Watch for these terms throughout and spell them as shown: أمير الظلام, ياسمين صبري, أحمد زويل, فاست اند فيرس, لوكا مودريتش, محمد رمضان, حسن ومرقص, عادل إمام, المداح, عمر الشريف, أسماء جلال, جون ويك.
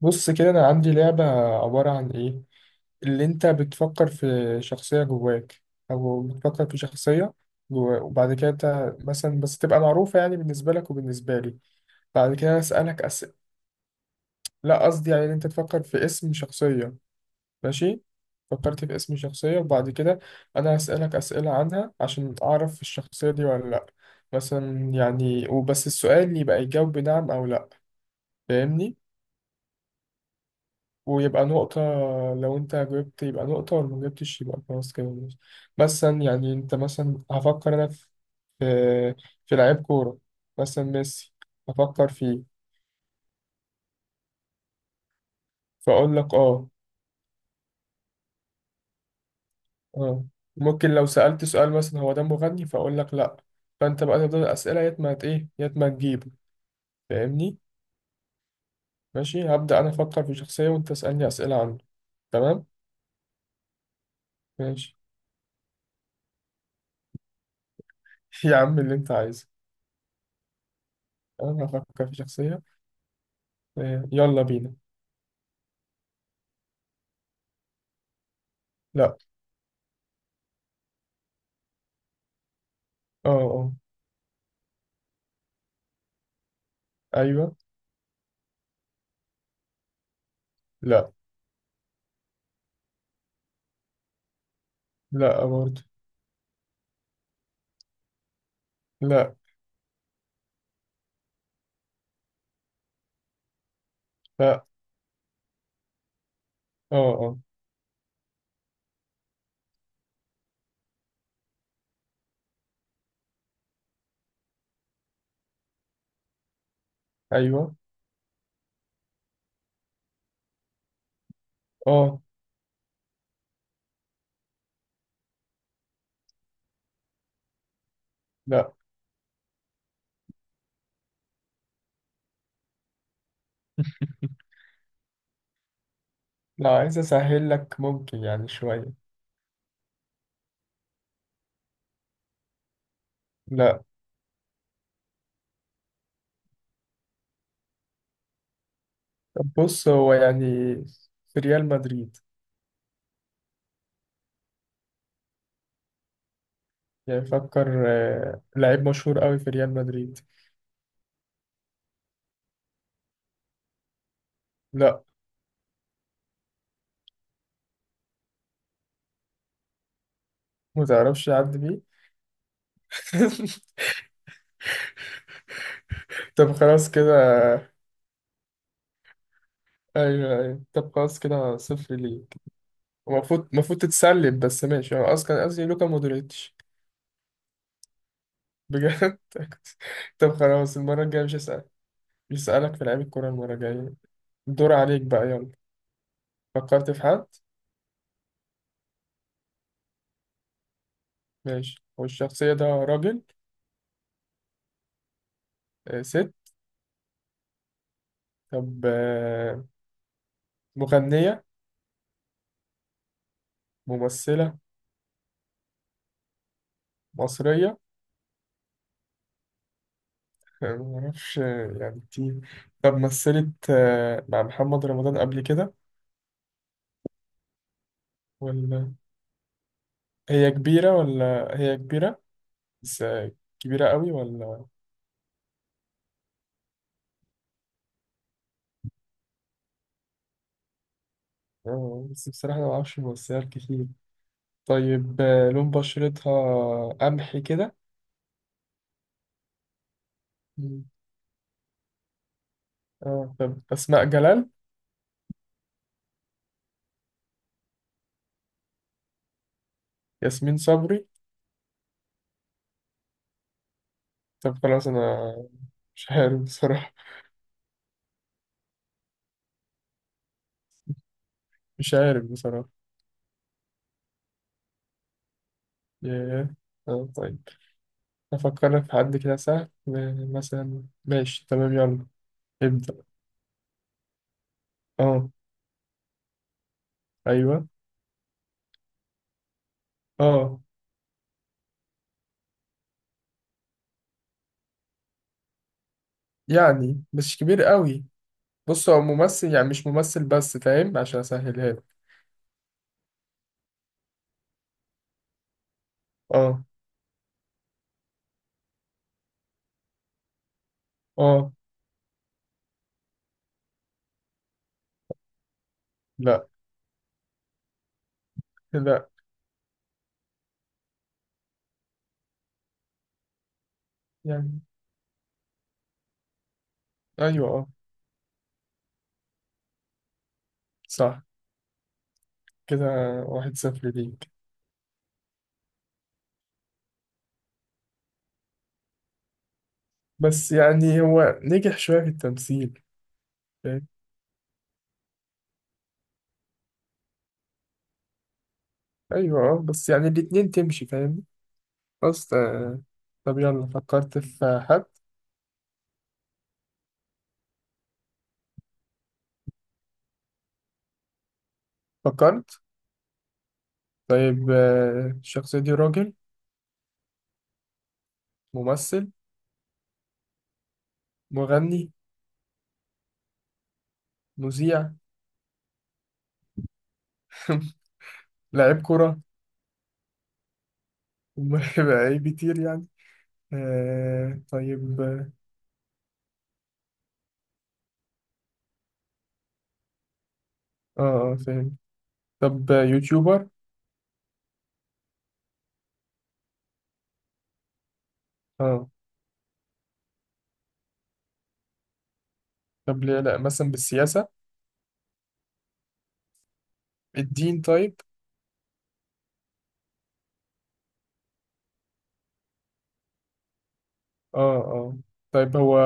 بص كده، انا عندي لعبة عبارة عن ايه؟ اللي انت بتفكر في شخصية جواك، او بتفكر في شخصية وبعد كده انت مثلا بس تبقى معروفة يعني بالنسبة لك وبالنسبة لي. بعد كده انا اسألك اسئلة. لا، قصدي يعني ان انت تفكر في اسم شخصية. ماشي، فكرت في اسم شخصية وبعد كده انا هسألك اسئلة عنها عشان اعرف الشخصية دي ولا لا. مثلا يعني، وبس السؤال يبقى يجاوب بنعم او لا، فاهمني؟ ويبقى نقطة، لو أنت جبت يبقى نقطة ولو مجبتش يبقى خلاص كده بس. مثلا يعني أنت مثلا هفكر أنا في في لعيب كورة، مثلا ميسي. هفكر فيه، فأقول لك آه. آه ممكن لو سألت سؤال مثلا هو ده مغني، فأقول لك لأ. فأنت بقى تفضل الأسئلة، يا ما إيه، يا ما تجيبه، فاهمني؟ ماشي هبدأ أنا أفكر في شخصية وأنت تسألني أسئلة عنه. تمام. ماشي. يا عم، اللي أنت عايزه. أنا هفكر في شخصية. آه، يلا بينا. لأ. آه، آه. ايوه. لا. لا برضه. لا. لا. اه، اه. ايوه. اه. لا، لا عايز اسهل لك ممكن يعني شويه. لا. طب بص، هو يعني في ريال مدريد. يعني فكر. آه، لعيب مشهور قوي في ريال مدريد. لا. ما تعرفش يعدي بيه. طب خلاص كده. ايوه، ايوه. طب خلاص كده، صفر ليك. المفروض تتسلب، بس ماشي. انا اصلا قصدي لوكا مودريتش. بجد. طب خلاص، المره الجايه مش هسأل يسألك في لعيب الكورة. المرة الجاية الدور عليك بقى، يلا. فكرت في حد؟ ماشي. والشخصية ده راجل؟ آه، ست. طب آه، مغنية؟ ممثلة؟ مصرية؟ معرفش آه، يعني كتير. طب مثلت آه، مع محمد رمضان قبل كده؟ ولا؟ هي كبيرة بس آه، كبيرة قوي ولا؟ آه، بس بصراحة أنا معرفش ممثلات كتير. طيب آه، لون بشرتها قمحي كده؟ مم. اه طب أسماء جلال؟ ياسمين صبري؟ طب خلاص، انا مش عارف بصراحة مش عارف بصراحة. ياه. آه طيب، أفكر لك في حد كده سهل، مثلا. ماشي تمام يلا، ابدأ. اه. أيوه. اه. يعني مش كبير قوي. بص، هو ممثل، يعني مش ممثل بس، فاهم؟ عشان أسهلها لك. اه. اه. لا. لا، يعني أيوه، اه. صح. كده واحد صفر ليك. بس يعني هو نجح شوية في التمثيل، فاهم؟ أيوه، اه. بس يعني الاتنين تمشي، فاهم؟ خلاص. طب يلا، فكرت في حد؟ فكرت. طيب آه، الشخصية دي راجل؟ ممثل؟ مغني؟ مذيع؟ لاعب كرة؟ لعيب كتير يعني. آه طيب، اه، اه فاهم. طب آه، يوتيوبر؟ اه. طب ليه لا مثلا بالسياسة؟ الدين طيب؟ اه، اه. طيب هو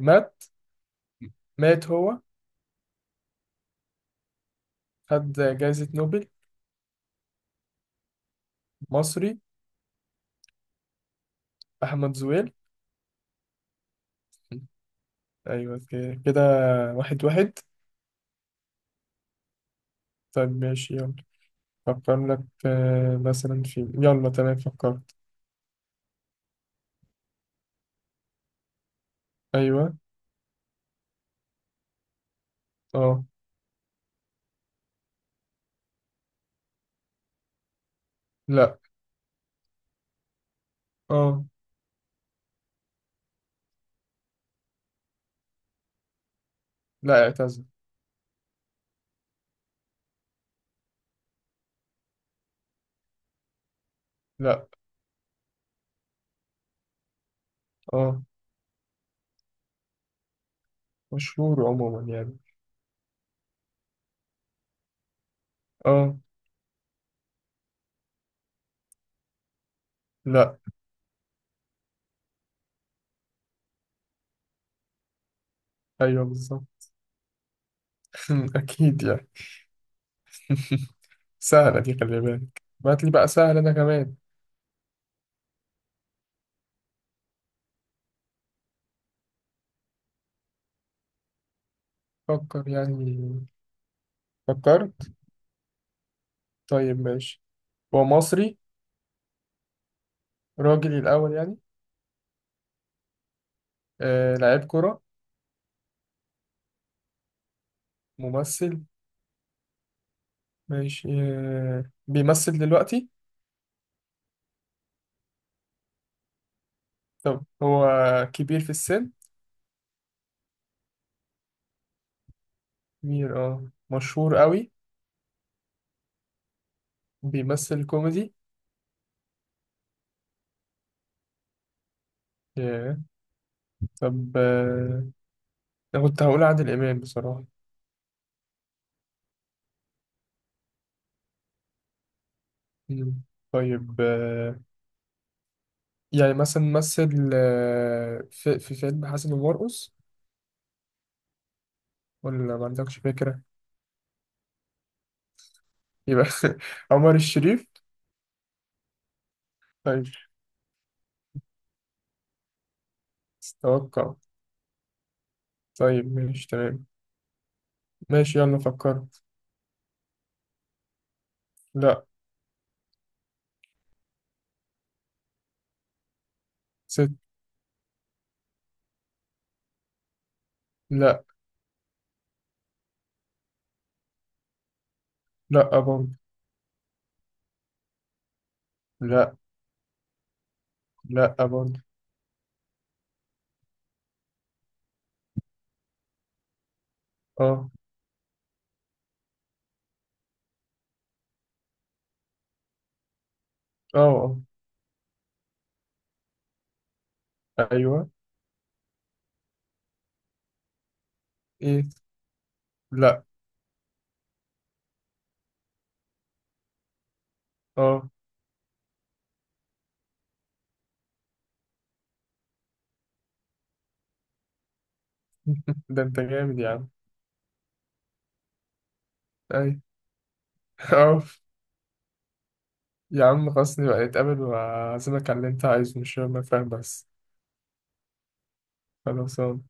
مات. مات هو. خد جائزة نوبل؟ مصري؟ أحمد زويل. أيوة كده، واحد واحد. طيب ماشي يلا، فكر لك آه، مثلا في. يلا تمام، فكرت. أيوة. اه. لا. اه. لا، اعتزل. لا. اه. مشهور عموما يعني. اه. لا. أيوة بالظبط. أكيد يعني. سهلة دي، خلي بالك بعت لي بقى سهل أنا كمان. فكر يعني. فكرت. طيب ماشي، هو مصري؟ راجل الأول يعني. آه لعيب كرة؟ ممثل؟ ماشي آه، بيمثل دلوقتي؟ طب هو كبير في السن؟ اه مشهور قوي؟ بيمثل كوميدي؟ yeah. طب آه، انا كنت هقول عادل امام بصراحه. مم. طيب آه، يعني مثلا مثل آه، في فيلم حسن ومرقص، ولا ما عندكش فكره؟ يبقى عمر الشريف. طيب. اتوقع. طيب ماشي تمام. ماشي يلا فكرت. لا. ست. لا. لا برضه. لا. لا برضه. اه، اه، اه. ايوه. ايه. لا. اه. ده انت جامد يا عم. اي. اه. يا عم، خلاص نبقى نتقابل وأعزمك على اللي انت عايزه، مش شرط، فاهم؟ بس. خلاص.